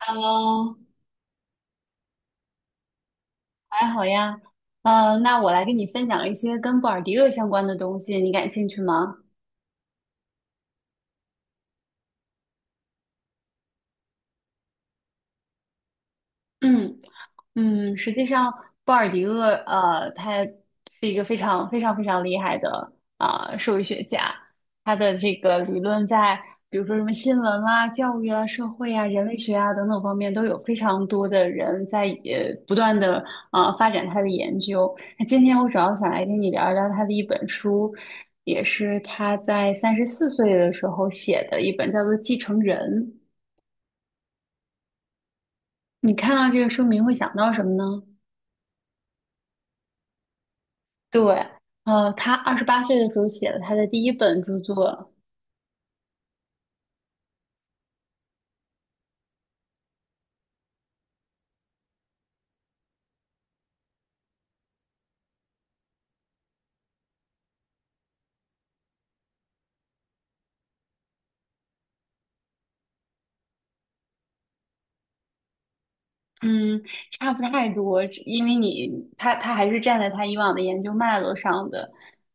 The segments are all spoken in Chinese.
Hello，还好呀。嗯，那我来跟你分享一些跟布尔迪厄相关的东西，你感兴趣吗？嗯。实际上，鲍尔迪厄，他是一个非常非常非常厉害的社会学家。他的这个理论在比如说什么新闻啦、教育啊、社会啊、人类学啊等等方面，都有非常多的人在不断的发展他的研究。那今天我主要想来跟你聊一聊他的一本书，也是他在34岁的时候写的一本，叫做《继承人》。你看到这个书名会想到什么呢？对，他28岁的时候写了他的第一本著作。嗯，差不太多，只因为你他还是站在他以往的研究脉络上的。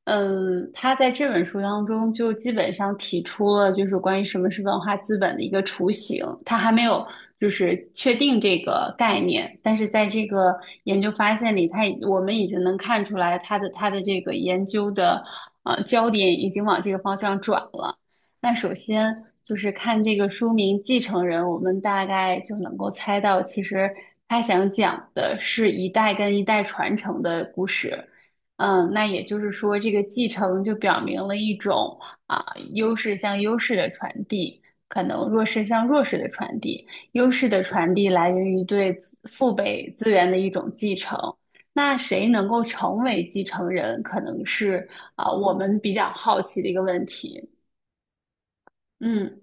他在这本书当中就基本上提出了就是关于什么是文化资本的一个雏形，他还没有就是确定这个概念，但是在这个研究发现里，我们已经能看出来他的这个研究的焦点已经往这个方向转了。那首先就是看这个书名《继承人》，我们大概就能够猜到，其实他想讲的是一代跟一代传承的故事。那也就是说，这个继承就表明了一种啊优势向优势的传递，可能弱势向弱势的传递。优势的传递来源于对子父辈资源的一种继承。那谁能够成为继承人，可能是我们比较好奇的一个问题。嗯。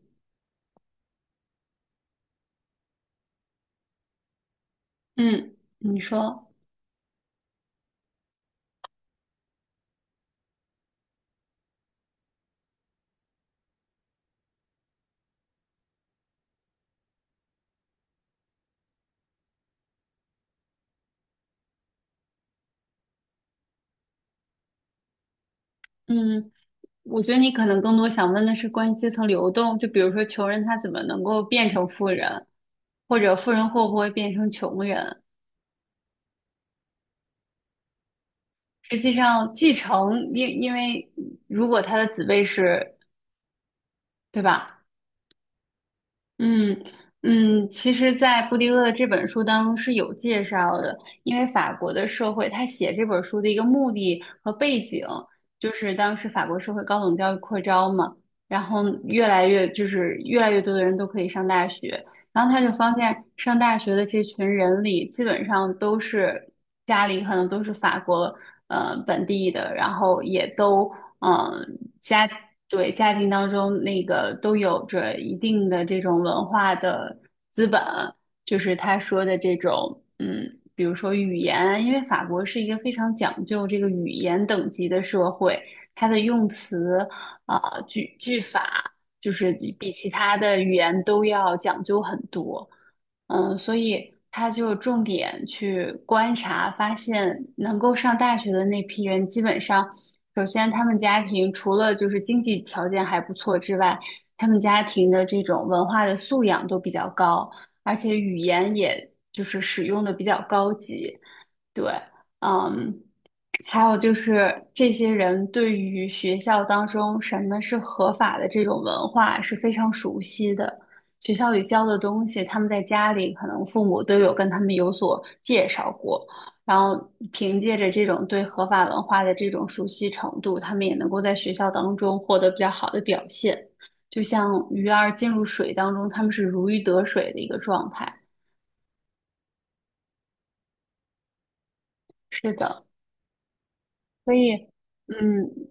嗯，你说。嗯，我觉得你可能更多想问的是关于阶层流动，就比如说穷人他怎么能够变成富人，或者富人会不会变成穷人？实际上，继承，因为如果他的子辈是，对吧？嗯嗯，其实，在布迪厄的这本书当中是有介绍的，因为法国的社会，他写这本书的一个目的和背景，就是当时法国社会高等教育扩招嘛，然后越来越多的人都可以上大学，然后他就发现上大学的这群人里，基本上都是家里可能都是法国本地的，然后也都。嗯。家对家庭当中那个都有着一定的这种文化的资本，就是他说的这种，比如说语言啊，因为法国是一个非常讲究这个语言等级的社会，它的用词句法，就是比其他的语言都要讲究很多。所以他就重点去观察，发现能够上大学的那批人，基本上首先，他们家庭除了就是经济条件还不错之外，他们家庭的这种文化的素养都比较高，而且语言也就是使用的比较高级。对。嗯，还有就是这些人对于学校当中什么是合法的这种文化是非常熟悉的。学校里教的东西，他们在家里可能父母都有跟他们有所介绍过。然后凭借着这种对合法文化的这种熟悉程度，他们也能够在学校当中获得比较好的表现。就像鱼儿进入水当中，他们是如鱼得水的一个状态。是的，所以，嗯，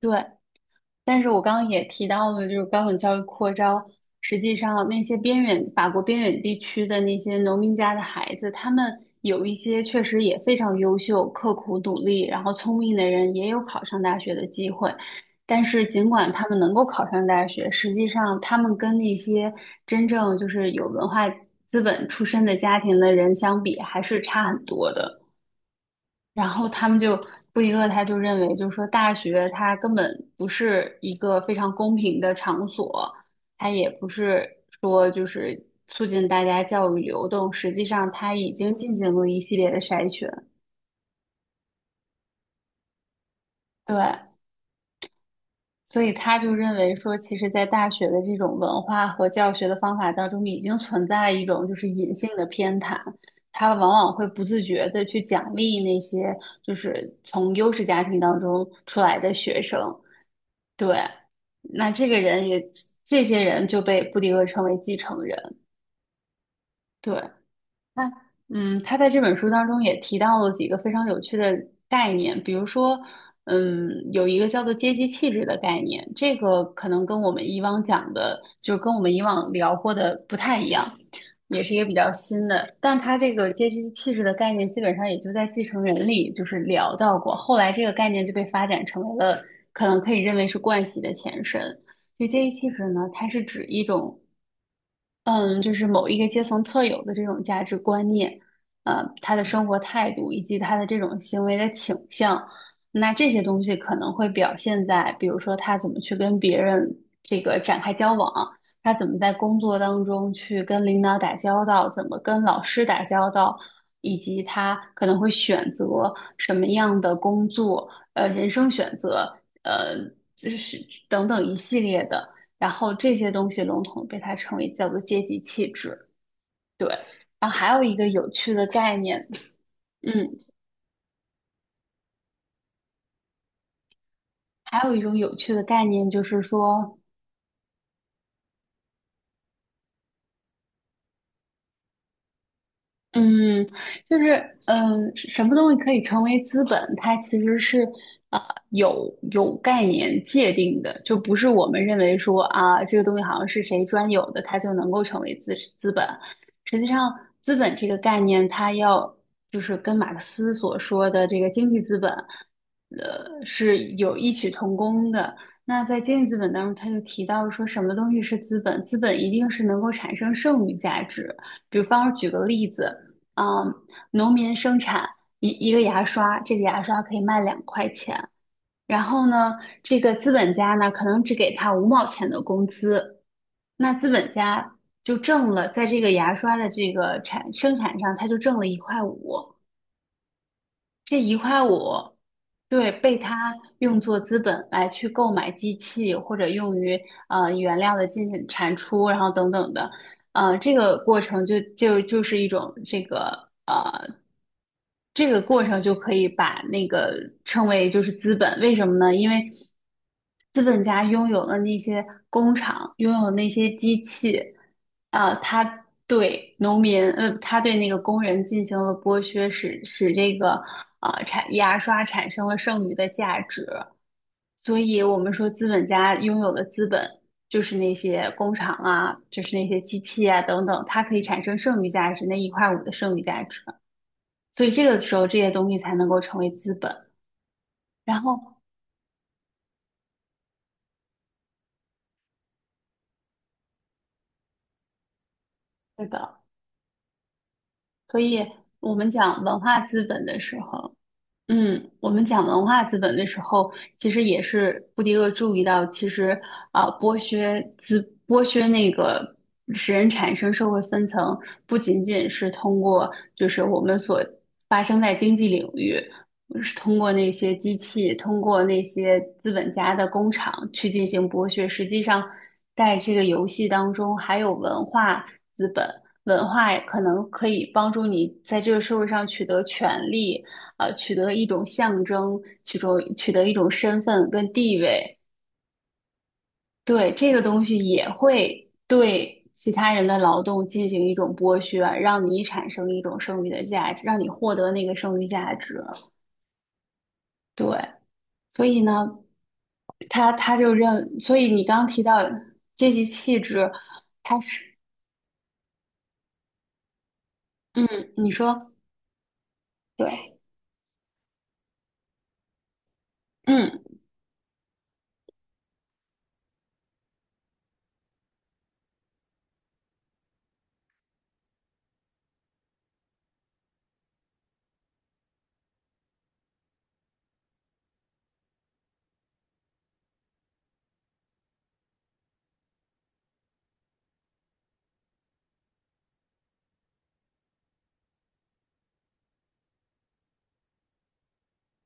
对。但是我刚刚也提到了，就是高等教育扩招，实际上那些法国边远地区的那些农民家的孩子，他们有一些确实也非常优秀、刻苦努力，然后聪明的人也有考上大学的机会。但是尽管他们能够考上大学，实际上他们跟那些真正就是有文化资本出身的家庭的人相比，还是差很多的。然后他们就不一个，他就认为，就是说大学它根本不是一个非常公平的场所，它也不是说就是促进大家教育流动，实际上它已经进行了一系列的筛选。对，所以他就认为说，其实，在大学的这种文化和教学的方法当中，已经存在一种就是隐性的偏袒，他往往会不自觉的去奖励那些就是从优势家庭当中出来的学生。对，那这个人也，这些人就被布迪厄称为继承人。对。那他在这本书当中也提到了几个非常有趣的概念，比如说，嗯，有一个叫做阶级气质的概念，这个可能跟我们以往讲的，就跟我们以往聊过的不太一样，也是一个比较新的。但他这个阶级气质的概念，基本上也就在《继承人》里就是聊到过，后来这个概念就被发展成为了可能可以认为是惯习的前身。就阶级气质呢，它是指一种。嗯，就是某一个阶层特有的这种价值观念，他的生活态度以及他的这种行为的倾向，那这些东西可能会表现在，比如说他怎么去跟别人这个展开交往，他怎么在工作当中去跟领导打交道，怎么跟老师打交道，以及他可能会选择什么样的工作，人生选择，呃，就是等等一系列的。然后这些东西笼统被它称为叫做阶级气质。对，然后还有一个有趣的概念。嗯，还有一种有趣的概念就是说，嗯，就是什么东西可以成为资本？它其实是有概念界定的，就不是我们认为说啊，这个东西好像是谁专有的，它就能够成为资本。实际上，资本这个概念，它要就是跟马克思所说的这个经济资本，是有异曲同工的。那在经济资本当中，他就提到说什么东西是资本？资本一定是能够产生剩余价值。比方说举个例子。嗯，农民生产一个牙刷，这个牙刷可以卖2块钱。然后呢，这个资本家呢，可能只给他5毛钱的工资，那资本家就挣了，在这个牙刷的这个产生产上，他就挣了一块五。这一块五，对，被他用作资本来去购买机器，或者用于原料的进产出，然后等等的。这个过程就是一种这个这个过程就可以把那个称为就是资本。为什么呢？因为资本家拥有了那些工厂，拥有那些机器，他对那个工人进行了剥削，使这个产牙刷产生了剩余的价值。所以我们说资本家拥有的资本就是那些工厂啊，就是那些机器啊等等，它可以产生剩余价值，那一块五的剩余价值。所以这个时候这些东西才能够成为资本。然后是的，所以我们讲文化资本的时候。我们讲文化资本的时候，其实也是布迪厄注意到，其实剥削那个使人产生社会分层，不仅仅是通过就是我们所发生在经济领域，是通过那些机器，通过那些资本家的工厂去进行剥削，实际上在这个游戏当中还有文化资本。文化可能可以帮助你在这个社会上取得权利，取得一种象征，取得一种身份跟地位。对，这个东西也会对其他人的劳动进行一种剥削，让你产生一种剩余的价值，让你获得那个剩余价值。对，所以呢，他他就认，所以你刚刚提到阶级气质，他是，嗯，你说对，嗯。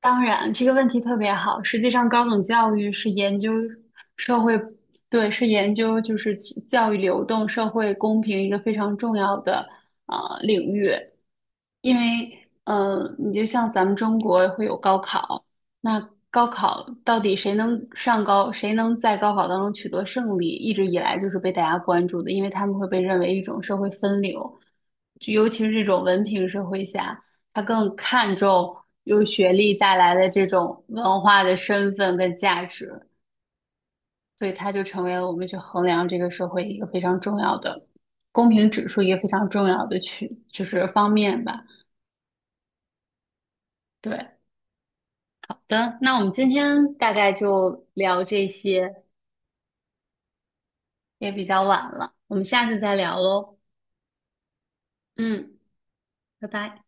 当然，这个问题特别好。实际上，高等教育是研究社会。对，是研究就是教育流动、社会公平一个非常重要的领域。因为你就像咱们中国会有高考，那高考到底谁能上高，谁能在高考当中取得胜利，一直以来就是被大家关注的，因为他们会被认为一种社会分流，就尤其是这种文凭社会下，他更看重由学历带来的这种文化的身份跟价值，所以它就成为了我们去衡量这个社会一个非常重要的公平指数，一个非常重要的去就是方面吧。对，的，那我们今天大概就聊这些，也比较晚了，我们下次再聊喽。嗯，拜拜。